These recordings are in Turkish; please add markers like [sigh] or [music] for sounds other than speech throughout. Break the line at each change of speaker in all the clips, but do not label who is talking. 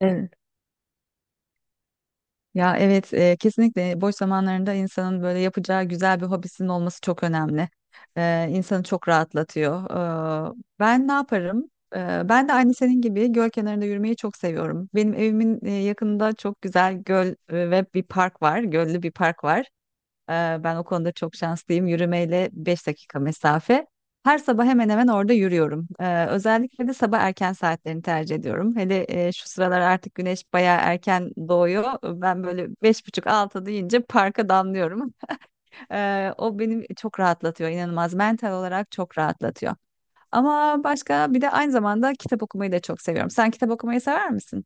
Evet. Ya evet, kesinlikle boş zamanlarında insanın böyle yapacağı güzel bir hobisinin olması çok önemli. İnsanı çok rahatlatıyor. E, Ben ne yaparım? E, Ben de aynı senin gibi göl kenarında yürümeyi çok seviyorum. Benim evimin yakınında çok güzel göl ve bir park var, göllü bir park var. Ee, Ben o konuda çok şanslıyım. Yürümeyle 5 dakika mesafe. Her sabah hemen hemen orada yürüyorum. Özellikle de sabah erken saatlerini tercih ediyorum. Hele şu sıralar artık güneş bayağı erken doğuyor. Ben böyle beş buçuk altı deyince parka damlıyorum. [laughs] O beni çok rahatlatıyor, inanılmaz. Mental olarak çok rahatlatıyor. Ama başka bir de aynı zamanda kitap okumayı da çok seviyorum. Sen kitap okumayı sever misin?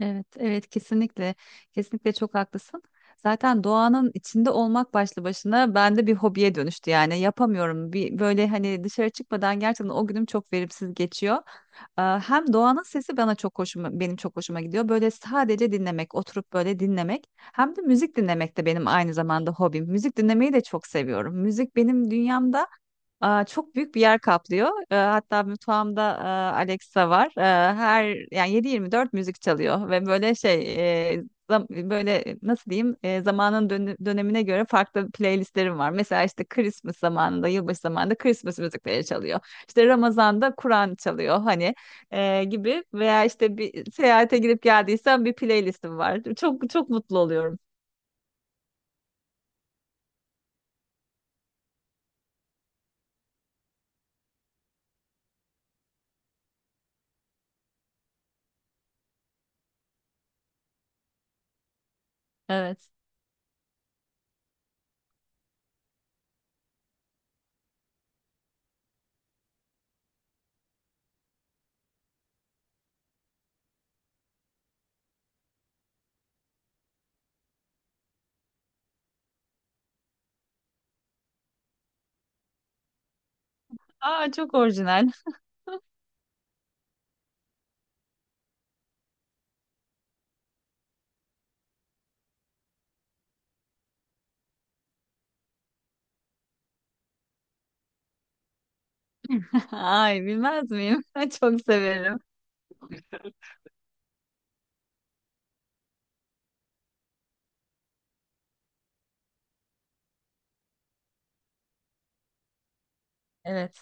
Evet, evet, kesinlikle. Kesinlikle çok haklısın. Zaten doğanın içinde olmak başlı başına bende bir hobiye dönüştü, yani yapamıyorum. Bir böyle hani dışarı çıkmadan gerçekten o günüm çok verimsiz geçiyor. Hem doğanın sesi bana çok benim çok hoşuma gidiyor. Böyle sadece dinlemek, oturup böyle dinlemek. Hem de müzik dinlemek de benim aynı zamanda hobim. Müzik dinlemeyi de çok seviyorum. Müzik benim dünyamda çok büyük bir yer kaplıyor. Hatta mutfağımda Alexa var. Her yani 7/24 müzik çalıyor ve e, böyle, nasıl diyeyim, dönemine göre farklı playlistlerim var. Mesela işte Christmas zamanında, yılbaşı zamanında Christmas müzikleri çalıyor. İşte Ramazan'da Kur'an çalıyor, gibi veya işte bir seyahate gidip geldiysem bir playlistim var. Çok çok mutlu oluyorum. Evet. Aa, çok orijinal. [laughs] Ay, bilmez miyim? [laughs] Çok severim. Evet.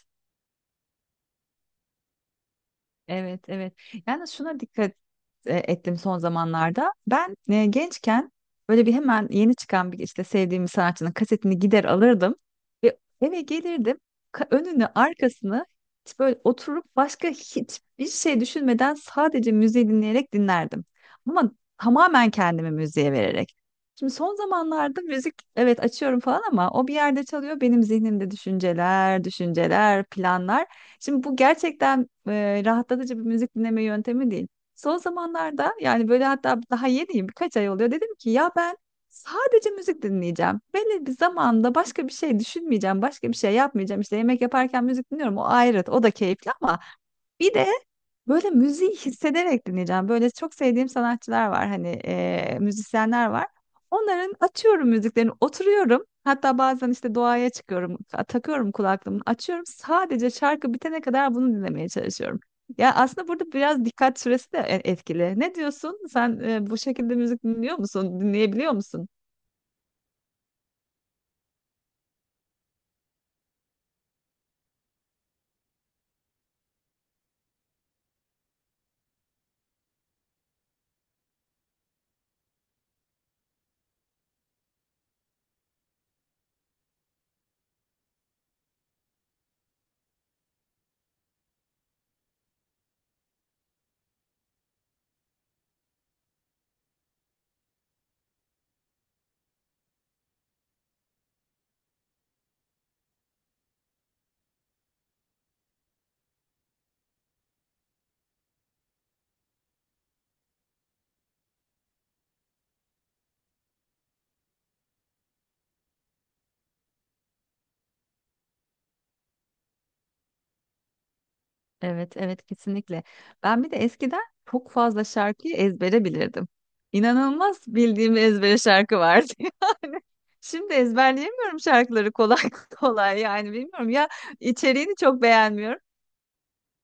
Evet, evet. Yani şuna dikkat ettim son zamanlarda. Ben gençken böyle bir hemen yeni çıkan bir işte sevdiğim bir sanatçının kasetini gider alırdım ve eve gelirdim. Önünü, arkasını hiç böyle oturup başka hiçbir şey düşünmeden sadece müziği dinleyerek dinlerdim. Ama tamamen kendimi müziğe vererek. Şimdi son zamanlarda müzik evet açıyorum falan ama o bir yerde çalıyor, benim zihnimde düşünceler, planlar. Şimdi bu gerçekten rahatlatıcı bir müzik dinleme yöntemi değil. Son zamanlarda yani böyle, hatta daha yeniyim, birkaç ay oluyor. Dedim ki ya ben sadece müzik dinleyeceğim. Belli bir zamanda başka bir şey düşünmeyeceğim. Başka bir şey yapmayacağım. İşte yemek yaparken müzik dinliyorum. O ayrı. O da keyifli, ama bir de böyle müziği hissederek dinleyeceğim. Böyle çok sevdiğim sanatçılar var hani müzisyenler var. Onların açıyorum müziklerini, oturuyorum. Hatta bazen işte doğaya çıkıyorum. Takıyorum kulaklığımı, açıyorum. Sadece şarkı bitene kadar bunu dinlemeye çalışıyorum. Ya aslında burada biraz dikkat süresi de etkili. Ne diyorsun? Sen bu şekilde müzik dinliyor musun? Dinleyebiliyor musun? Evet, evet, kesinlikle. Ben bir de eskiden çok fazla şarkıyı ezbere bilirdim. İnanılmaz bildiğim ezbere şarkı vardı [laughs] yani. Şimdi ezberleyemiyorum şarkıları kolay [laughs] kolay, yani bilmiyorum ya, içeriğini çok beğenmiyorum.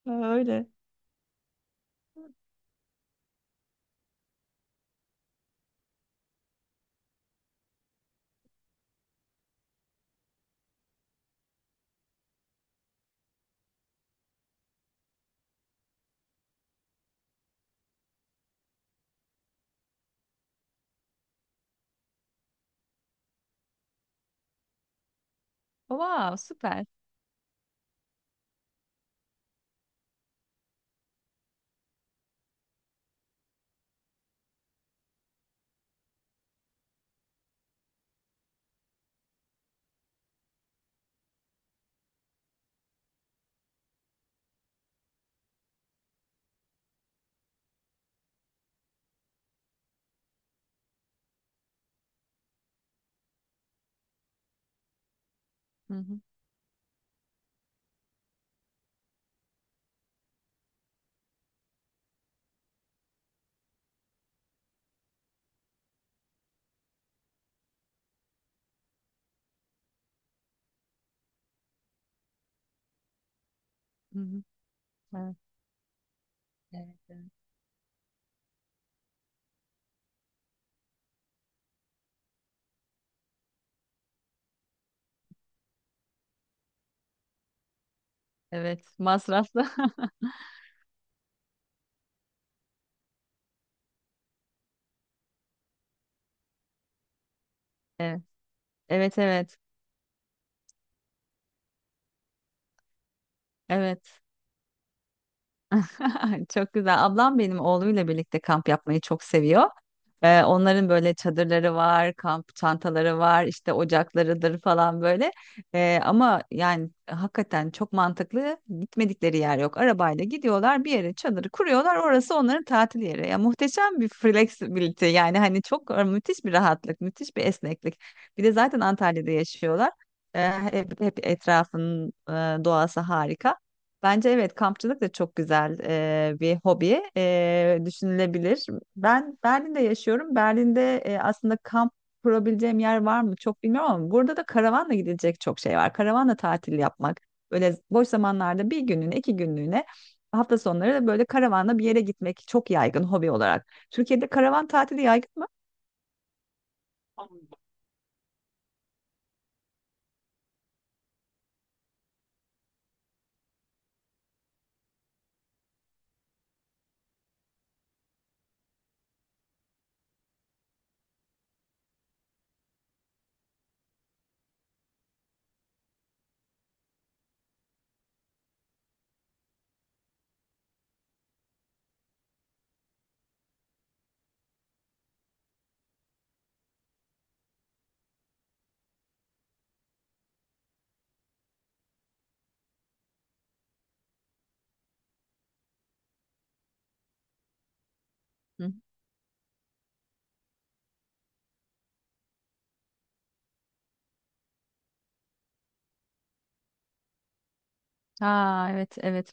Ha, öyle. Wow, süper. Hı hı, hı hı. Evet, evet, evet. Evet, masraflı. [laughs] Evet, evet, evet. Evet. [laughs] Çok güzel. Ablam benim oğluyla birlikte kamp yapmayı çok seviyor. Onların böyle çadırları var, kamp çantaları var, işte ocaklarıdır falan böyle. Ama yani hakikaten çok mantıklı, gitmedikleri yer yok. Arabayla gidiyorlar bir yere, çadırı kuruyorlar. Orası onların tatil yeri. Ya muhteşem bir flexibility, yani hani çok müthiş bir rahatlık, müthiş bir esneklik. Bir de zaten Antalya'da yaşıyorlar. Hep, hep etrafın doğası harika. Bence evet, kampçılık da çok güzel bir hobi düşünülebilir. Ben Berlin'de yaşıyorum. Berlin'de aslında kamp kurabileceğim yer var mı çok bilmiyorum, ama burada da karavanla gidilecek çok şey var. Karavanla tatil yapmak böyle boş zamanlarda bir günlüğüne, iki günlüğüne, hafta sonları da böyle karavanla bir yere gitmek çok yaygın hobi olarak. Türkiye'de karavan tatili yaygın mı? Ha, evet, evet.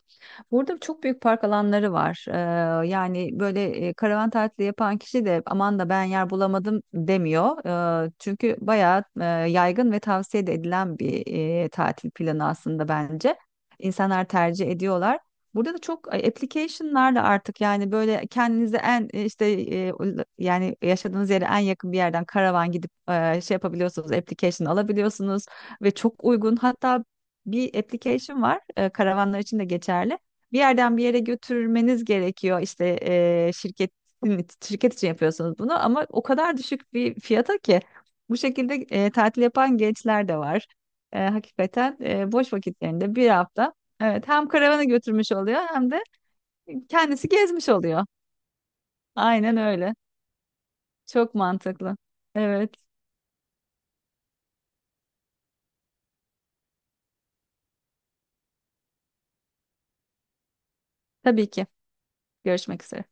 Burada çok büyük park alanları var. Yani böyle karavan tatili yapan kişi de aman da ben yer bulamadım demiyor. Çünkü bayağı yaygın ve tavsiye de edilen bir tatil planı aslında bence. İnsanlar tercih ediyorlar. Burada da çok application'larla artık, yani böyle kendinize en yani yaşadığınız yere en yakın bir yerden karavan gidip şey yapabiliyorsunuz, application alabiliyorsunuz ve çok uygun. Hatta bir application var. Karavanlar için de geçerli. Bir yerden bir yere götürmeniz gerekiyor. İşte, şirket için yapıyorsunuz bunu, ama o kadar düşük bir fiyata ki bu şekilde tatil yapan gençler de var. Hakikaten boş vakitlerinde bir hafta evet hem karavana götürmüş oluyor hem de kendisi gezmiş oluyor. Aynen öyle. Çok mantıklı. Evet, tabii ki. Görüşmek üzere.